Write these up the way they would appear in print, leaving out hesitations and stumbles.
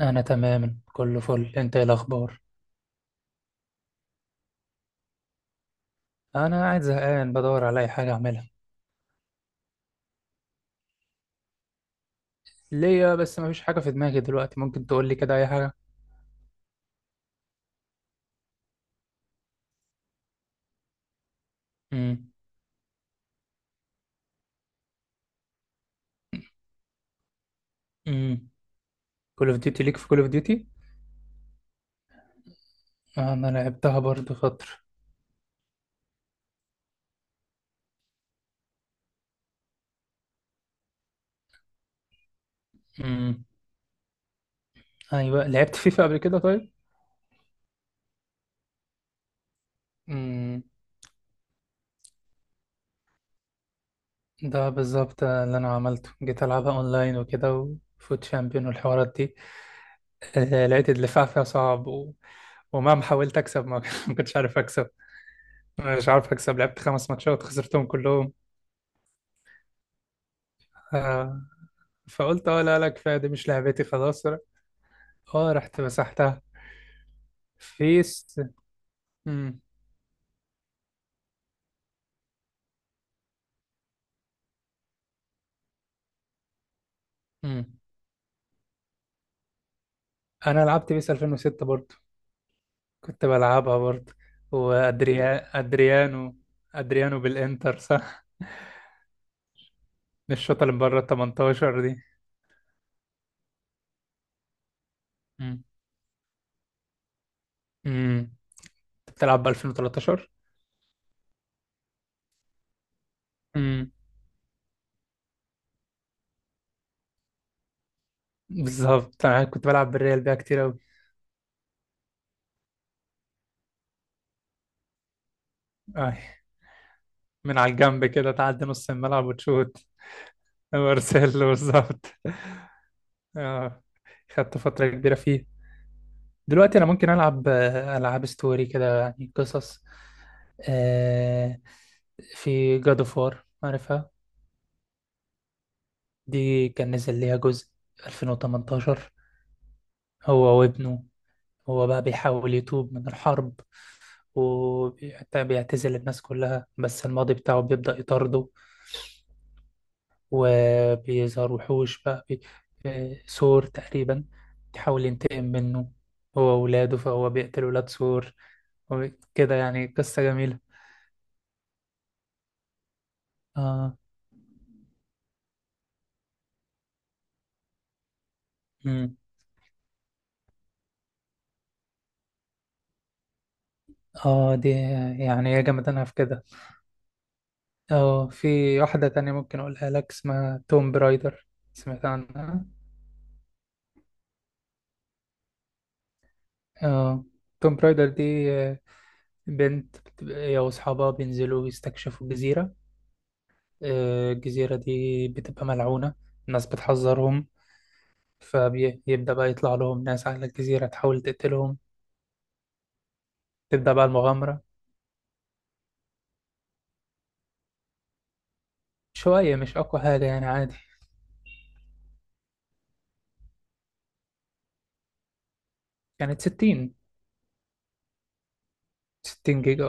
انا تمام، كله فل. انت ايه الاخبار؟ انا قاعد زهقان بدور على اي حاجه اعملها ليا، بس مفيش حاجه في دماغي دلوقتي. ممكن تقول لي كده اي حاجه؟ امم. امم. كول اوف ديوتي، ليك في كول اوف ديوتي؟ انا لعبتها برضو فتره. امم. ايوه، لعبت فيفا قبل كده طيب؟ امم. ده بالظبط اللي انا عملته، جيت العبها اونلاين وكده، وفوت شامبيون والحوارات دي. لقيت الدفاع فيها صعب، ومهما حاولت اكسب ما ما كنتش عارف اكسب. مش عارف اكسب. لعبت خمس ماتشات خسرتهم كلهم. آه، فقلت اه، لا لا، كفايه. دي مش لعبتي خلاص. اه، رحت مسحتها. بيس. امم. امم. انا لعبت بيس 2006 برضو. كنت بلعبها برضو. وادريا ادريانو. ادريانو بالانتر، صح؟ الشوطه اللي من بره ال 18 دي. امم. امم. انت بتلعب ب 2013؟ امم. بالظبط، انا كنت بلعب بالريال بيها كتير قوي. آه. من على الجنب كده، تعدي نص الملعب وتشوت. وارسل بالظبط. اه، خدت فتره كبيره فيه. دلوقتي انا ممكن العب العاب ستوري كده، يعني قصص. آه، في جاد اوف وار، عارفها؟ دي كان نزل ليها جزء 2018. هو وابنه. هو بقى بيحاول يتوب من الحرب. وبيعتزل الناس كلها، بس الماضي بتاعه بيبدأ يطارده. وبيظهر وحوش بقى، بي... آه، سور تقريبا. بيحاول ينتقم منه. هو وولاده، فهو بيقتل ولاد سور. وكده يعني قصة جميلة. اه. امم. اه، دي يعني هي جامدانها في كده. اه، في واحدة تانية ممكن اقولها لك، اسمها توم برايدر. سمعت عنها؟ اه. توم برايدر دي آه، بنت، هي واصحابها بينزلوا يستكشفوا جزيرة. الجزيرة دي بتبقى ملعونة. الناس بتحذرهم. فبيبدأ بقى يطلع لهم ناس على الجزيرة تحاول تقتلهم. تبدأ بقى المغامرة. شوية، مش أقوى حاجة يعني، عادي. كانت 60. 60 جيجا.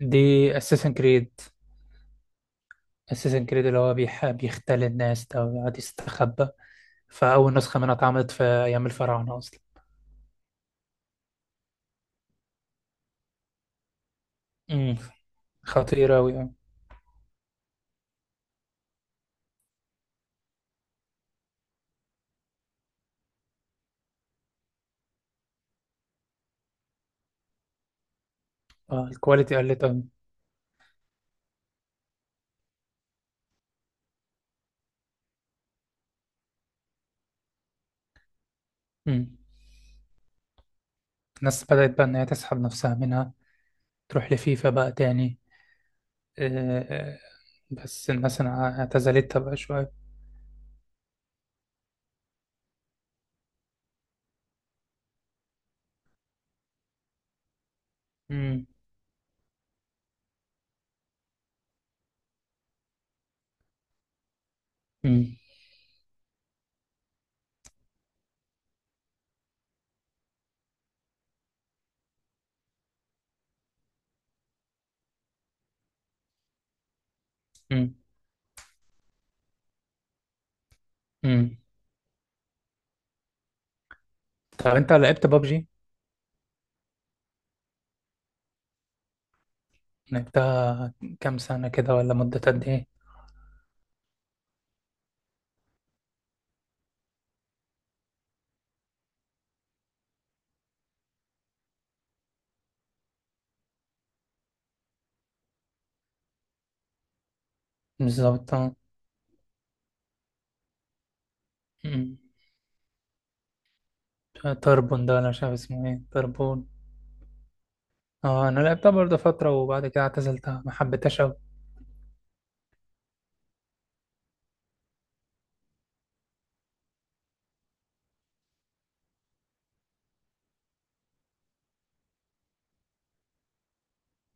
دي أساسن كريد. اساسن كريد اللي هو بيحب يختل الناس ده، ويقعد يستخبى. فاول نسخه منها اتعملت في ايام الفراعنه اصلا. امم. خطيره قوي، اه. الكواليتي قلت قوي. امم. الناس بدات بقى ان هي تسحب نفسها منها. تروح لفيفا بقى تاني. آه، آه، بس الناس اعتزلتها بقى شويه. امم. امم. امم. أمم. طب انت لعبت بابجي؟ لعبتها. كام سنه كده، ولا مده قد ايه؟ بالظبط. آه. مم. تربون ده، انا مش عارف اسمه ايه. تربون. اه، انا لعبتها برضه فترة، وبعد كده اعتزلتها، ما حبيتهاش اوي.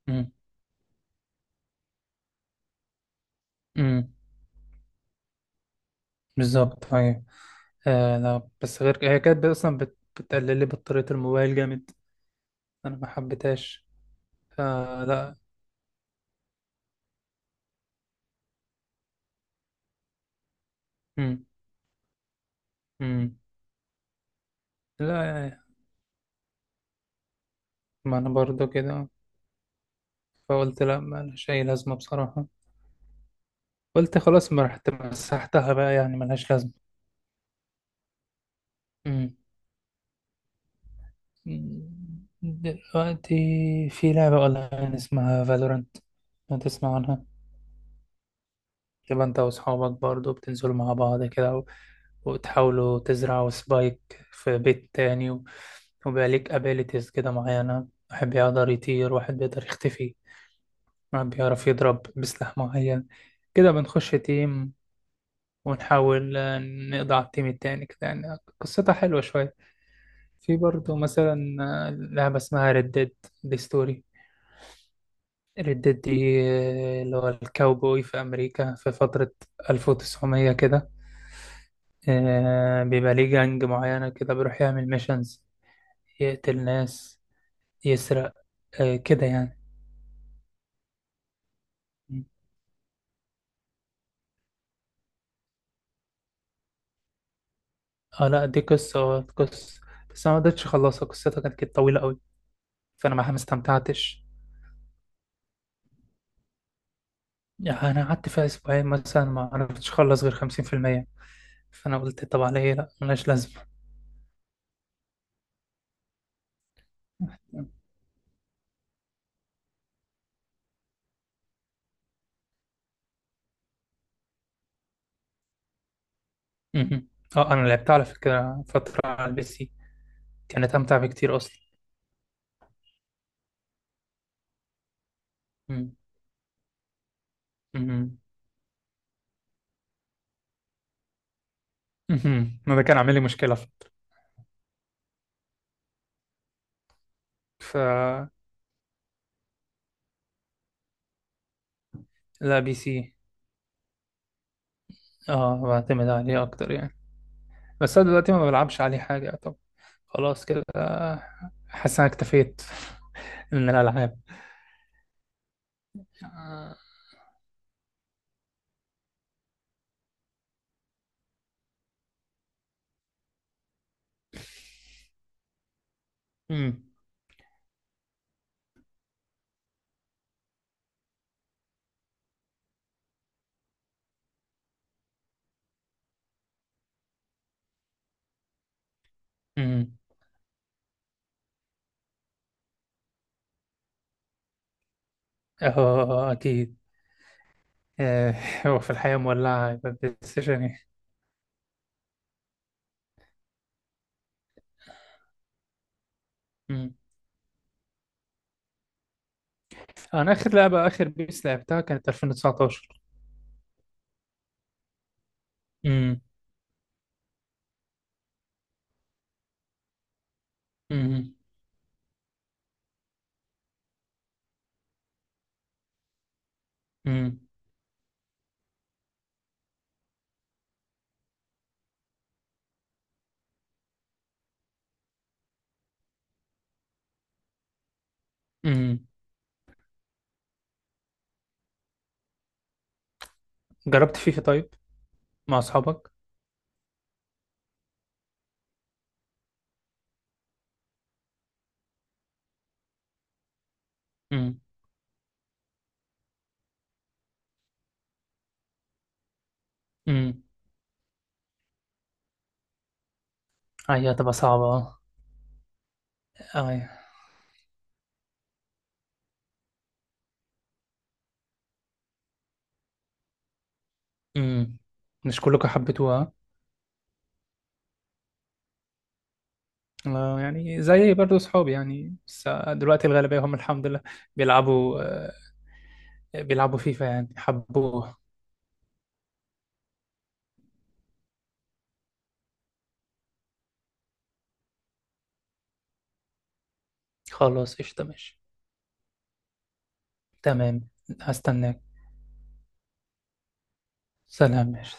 مم. مم. بالظبط، ايوه. لا، بس غير هي كانت اصلا بتقلل لي بطارية الموبايل جامد. انا ما حبيتهاش. فلا. مم. مم. لا يعني. ما انا برضه كده. فقلت لا، ما لهاش اي لازمة بصراحة. قلت خلاص، ما رحت مسحتها بقى، يعني ملهاش لازمة. مم. دلوقتي في لعبة أونلاين اسمها فالورانت. ما تسمع عنها؟ تبقى أنت وأصحابك برضو بتنزلوا مع بعض كده، وتحاولوا تزرعوا سبايك في بيت تاني، وبقى ليك أبيليتيز كده معينة. واحد بيقدر يطير، واحد بيقدر يختفي. واحد بيعرف يضرب بسلاح معين. كده بنخش تيم. ونحاول نقضي على التيم التاني كده، يعني قصتها حلوة شوية. في برضو مثلا. لعبة اسمها ريد ديد. دي ستوري. ردت دي اللي هو الكاوبوي في أمريكا في فترة 1900 كده. بيبقى ليه جانج معينة كده، بيروح يعمل ميشنز. يقتل ناس. يسرق. كده يعني. اه، لا دي قصة قصة. بس أنا ما قدرتش أخلصها. قصتها كانت طويلة أوي. فأنا ما استمتعتش. يعني أنا قعدت فيها أسبوعين مثلا، ما عرفتش أخلص غير 50%. فأنا قلت طب على إيه؟ لأ، ملهاش لازمة. مهم. اه، أنا لعبتها على فكرة فترة على البي سي. كانت أمتع بكتير أصلا. مهم. مهم. ما ده كان عامل لي مشكلة. ف- لا، بي سي. اه، بعتمد عليه أكتر يعني. بس أنا دلوقتي ما بلعبش عليه حاجة. طب، خلاص كده. حاسس إن أنا اكتفيت من الألعاب. آه. مم. مم. اه، أكيد. آه، هو في الحياة مولعة، يبقى بلاي ستيشن إيه؟ مم. أنا آخر بيس لعبتها كانت 2019. مم. مم. مم. مم. جربت فيفا طيب، مع أصحابك؟ مم. مم. هي هتبقى صعبة. اه يعني. امم. مش كلكم حبيتوها؟ يعني زي برضو صحابي يعني، بس دلوقتي الغالبية هم الحمد لله، بيلعبوا آه بيلعبوا فيفا، يعني حبوها. خلاص، قشطة، ماشي. تمام. هستناك. سلام، ماشي.